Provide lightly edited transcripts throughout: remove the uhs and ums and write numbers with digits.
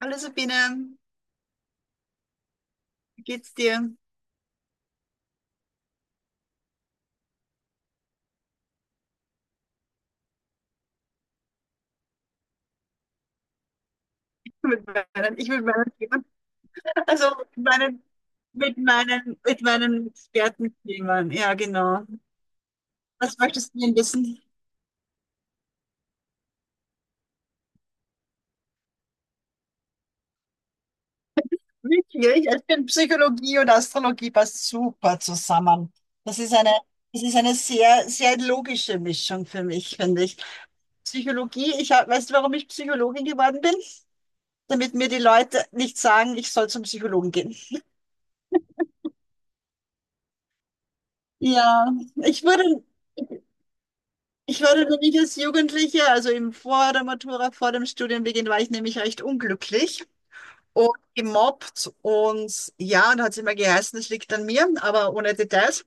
Hallo Sabine, wie geht's dir? Ich mit meinen Themen, also mit meinen Expertenthemen, ja genau. Was möchtest du denn wissen? Wirklich, ich finde Psychologie und Astrologie passt super zusammen. Das ist eine, das ist eine sehr, sehr logische Mischung für mich, finde ich. Psychologie, ich hab, weißt du, warum ich Psychologin geworden bin? Damit mir die Leute nicht sagen, ich soll zum Psychologen gehen. Ja, ich wurde, Ich war nämlich als Jugendliche, also eben vor der Matura, vor dem Studienbeginn, war ich nämlich recht unglücklich und gemobbt und ja, und hat es immer geheißen, es liegt an mir, aber ohne Details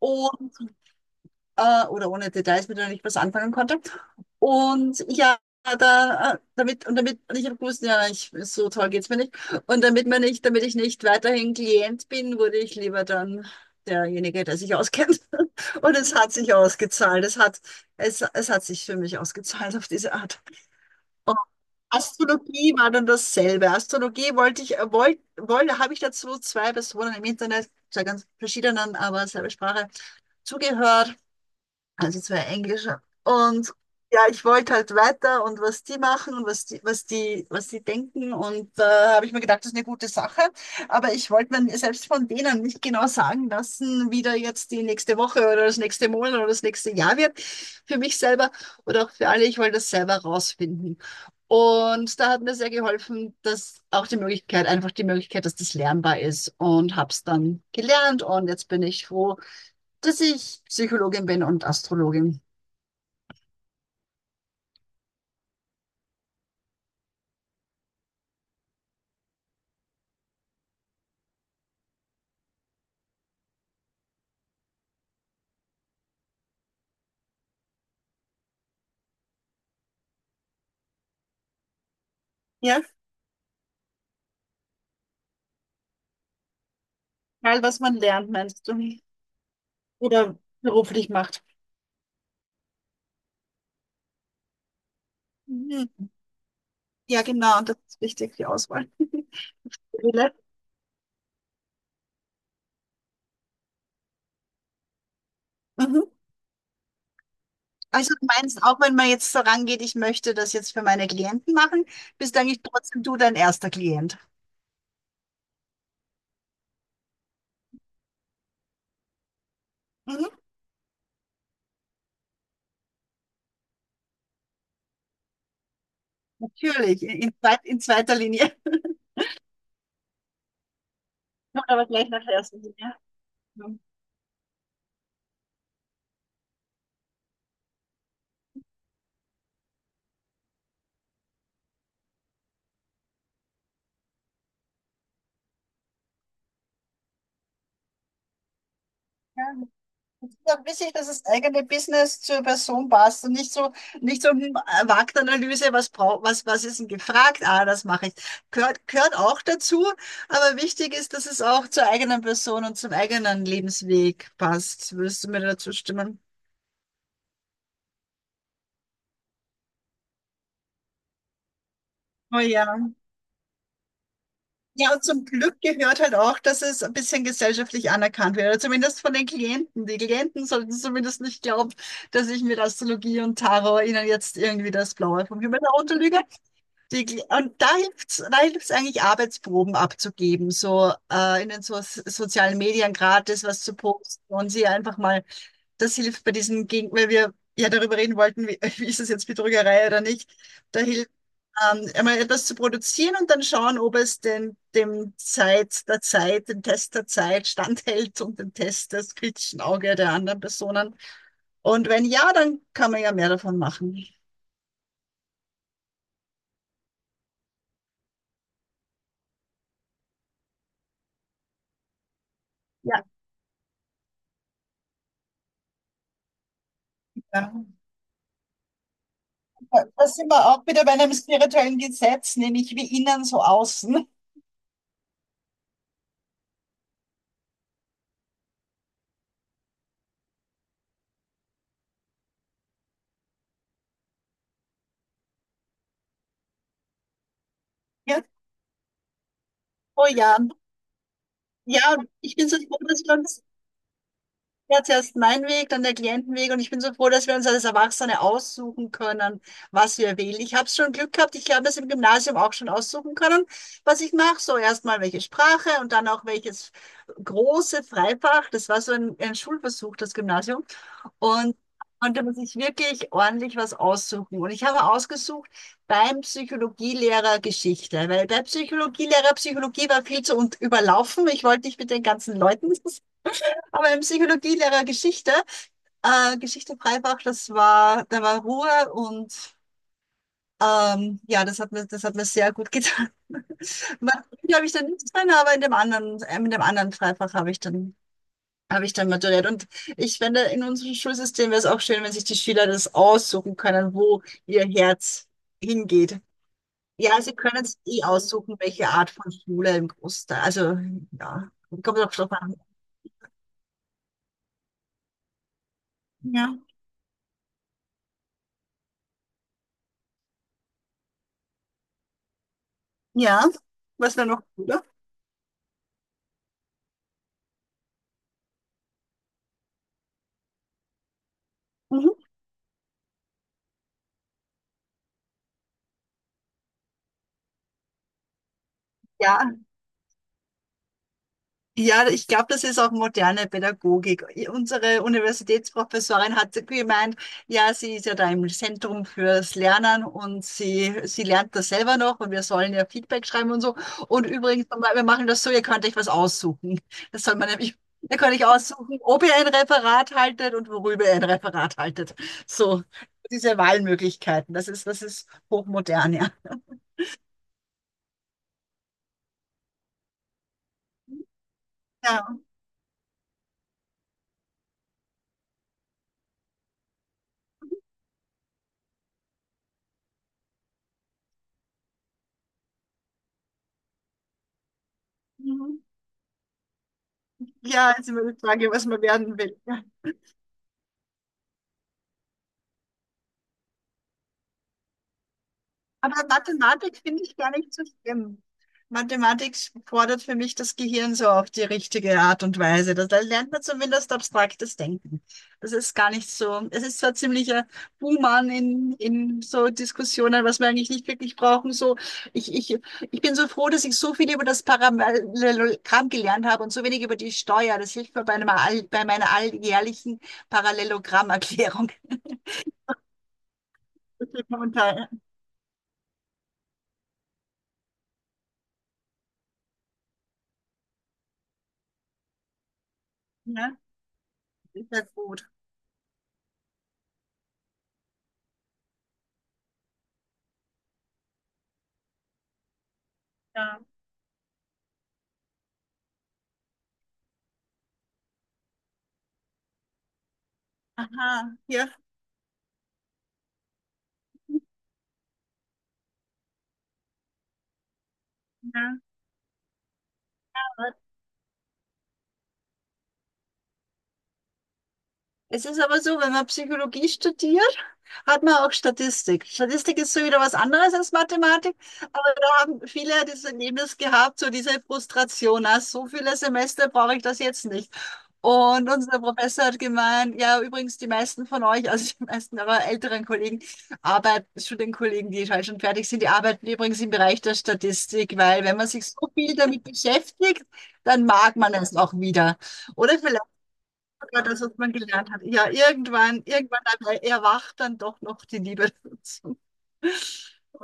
und, oder ohne Details, mit denen ich was anfangen konnte. Und ja, da, damit, und damit, und ich habe gewusst, ja, ich, so toll geht's mir nicht. Und damit ich nicht weiterhin Klient bin, wurde ich lieber dann derjenige, der sich auskennt. Und es hat sich ausgezahlt. Es hat sich für mich ausgezahlt auf diese Art. Und Astrologie war dann dasselbe. Astrologie wollte ich, wollte, wollte, habe ich dazu zwei Personen im Internet, zwei ganz verschiedenen, aber selbe Sprache, zugehört. Also zwei Englische. Und ja, ich wollte halt weiter und was die machen und was die denken. Und da habe ich mir gedacht, das ist eine gute Sache. Aber ich wollte mir selbst von denen nicht genau sagen lassen, wie da jetzt die nächste Woche oder das nächste Monat oder das nächste Jahr wird. Für mich selber oder auch für alle. Ich wollte das selber rausfinden. Und da hat mir sehr geholfen, dass auch die Möglichkeit, einfach die Möglichkeit, dass das lernbar ist, und habe es dann gelernt, und jetzt bin ich froh, dass ich Psychologin bin und Astrologin. Ja, egal, was man lernt, meinst du? Oder beruflich macht. Mhm. Ja, genau, das ist wichtig, die Auswahl. Wille. Mhm. Also du meinst, auch wenn man jetzt vorangeht, ich möchte das jetzt für meine Klienten machen, bist eigentlich trotzdem du dein erster Klient. Mhm. Natürlich, in, zweit- in zweiter Linie. Oder aber gleich nach der ersten Linie. Mhm. Ja, es ist auch wichtig, dass das eigene Business zur Person passt und nicht so, nicht so eine Marktanalyse, was braucht, was, was ist denn gefragt? Ah, das mache ich. Gehört auch dazu, aber wichtig ist, dass es auch zur eigenen Person und zum eigenen Lebensweg passt. Würdest du mir dazu stimmen? Oh ja. Ja, und zum Glück gehört halt auch, dass es ein bisschen gesellschaftlich anerkannt wird, oder zumindest von den Klienten. Die Klienten sollten zumindest nicht glauben, dass ich mit Astrologie und Tarot ihnen jetzt irgendwie das Blaue vom Himmel herunterlüge. Die, Gl- und da hilft's eigentlich, Arbeitsproben abzugeben, so in den so sozialen Medien gratis was zu posten und sie einfach mal, das hilft bei diesem, Gegen weil wir ja darüber reden wollten, wie, wie ist es jetzt Betrügerei oder nicht, da hilft einmal etwas zu produzieren und dann schauen, ob es den, dem Test der Zeit standhält und dem Test des kritischen Auge der anderen Personen. Und wenn ja, dann kann man ja mehr davon machen. Ja. Ja. Ja, da sind wir auch wieder bei einem spirituellen Gesetz, nämlich wie innen so außen. Ja, oh ja. Ja, und ich bin so froh, dass wir uns, ja, zuerst mein Weg, dann der Klientenweg, und ich bin so froh, dass wir uns als Erwachsene aussuchen können, was wir wählen. Ich habe schon Glück gehabt, ich habe das im Gymnasium auch schon aussuchen können, was ich mache. So erstmal welche Sprache und dann auch welches große Freifach. Das war so ein Schulversuch, das Gymnasium. Und konnte man sich wirklich ordentlich was aussuchen. Und ich habe ausgesucht beim Psychologielehrer Geschichte, weil der Psychologielehrer Psychologie war viel zu und überlaufen. Ich wollte nicht mit den ganzen Leuten, aber im Psychologielehrer Geschichte, Geschichte Freibach, das war, da war Ruhe und ja, das hat mir sehr gut getan. Mathematik habe ich dann nichts drin, aber in dem anderen Freifach habe ich dann maturiert. Und ich finde, in unserem Schulsystem wäre es auch schön, wenn sich die Schüler das aussuchen können, wo ihr Herz hingeht. Ja, sie können es eh aussuchen, welche Art von Schule im Großteil. Also, ja, kommt auch drauf an. Ja. Ja, was wäre noch gut? Mhm. Ja. Ja, ich glaube, das ist auch moderne Pädagogik. Unsere Universitätsprofessorin hat gemeint, ja, sie ist ja da im Zentrum fürs Lernen und sie lernt das selber noch, und wir sollen ja Feedback schreiben und so. Und übrigens, wir machen das so, ihr könnt euch was aussuchen. Das soll man nämlich, ihr könnt euch aussuchen, ob ihr ein Referat haltet und worüber ihr ein Referat haltet. So, diese Wahlmöglichkeiten, das ist hochmodern, ja. Ja. Mhm. Ja, jetzt ist immer die Frage, was man werden will. Aber Mathematik finde ich gar nicht so schlimm. Mathematik fordert für mich das Gehirn so auf die richtige Art und Weise. Da lernt man zumindest abstraktes Denken. Das ist gar nicht so. Es ist zwar ziemlicher Buhmann in so Diskussionen, was wir eigentlich nicht wirklich brauchen. So, ich, ich, ich bin so froh, dass ich so viel über das Parallelogramm gelernt habe und so wenig über die Steuer. Das hilft mir bei meiner alljährlichen Parallelogrammerklärung. Das hilft mir unter, ne? Ist ja gut. Ja. Aha, ja. Ja. Es ist aber so, wenn man Psychologie studiert, hat man auch Statistik. Statistik ist so wieder was anderes als Mathematik, aber da haben viele das Erlebnis gehabt, so diese Frustration, na, so viele Semester brauche ich das jetzt nicht. Und unser Professor hat gemeint, ja, übrigens, die meisten von euch, also die meisten aber älteren Kollegen, Arbeit, Studienkollegen, die halt schon fertig sind, die arbeiten übrigens im Bereich der Statistik, weil wenn man sich so viel damit beschäftigt, dann mag man es auch wieder. Oder vielleicht ja, das, was man gelernt hat. Ja, irgendwann dann erwacht dann doch noch die Liebe dazu.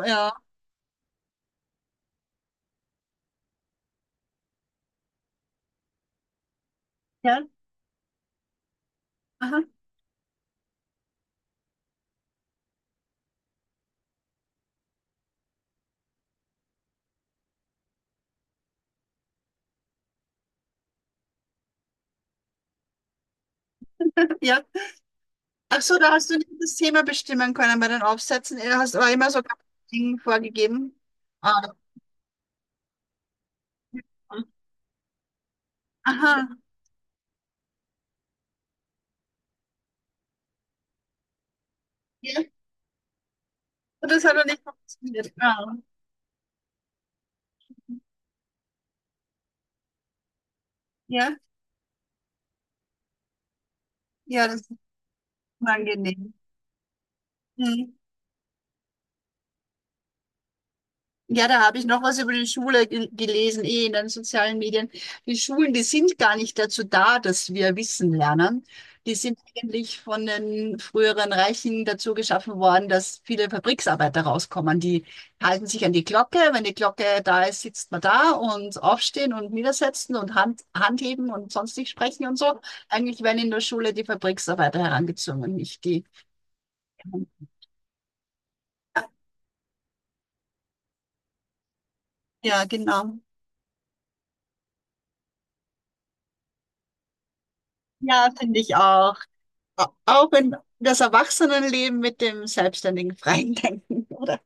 Ja. Ja. Aha. Ja. Ach so, da hast du nicht das Thema bestimmen können bei den Aufsätzen. Du hast aber immer so ganz Ding vorgegeben. Ah. Aha. Ja. Und das hat doch nicht funktioniert. Ah. Ja. Ja, das ist unangenehm. Mhm. Ja, da habe ich noch was über die Schule ge- gelesen, eh in den sozialen Medien. Die Schulen, die sind gar nicht dazu da, dass wir Wissen lernen. Die sind eigentlich von den früheren Reichen dazu geschaffen worden, dass viele Fabriksarbeiter rauskommen. Die halten sich an die Glocke. Wenn die Glocke da ist, sitzt man da und aufstehen und niedersetzen und Hand heben und sonst nicht sprechen und so. Eigentlich werden in der Schule die Fabriksarbeiter herangezwungen, nicht die. Ja, genau. Ja, finde ich auch. Au- Auch in das Erwachsenenleben mit dem selbstständigen freien Denken, oder?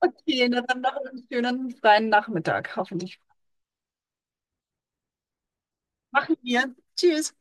Okay, na dann noch einen schönen freien Nachmittag, hoffentlich. Machen wir. Tschüss.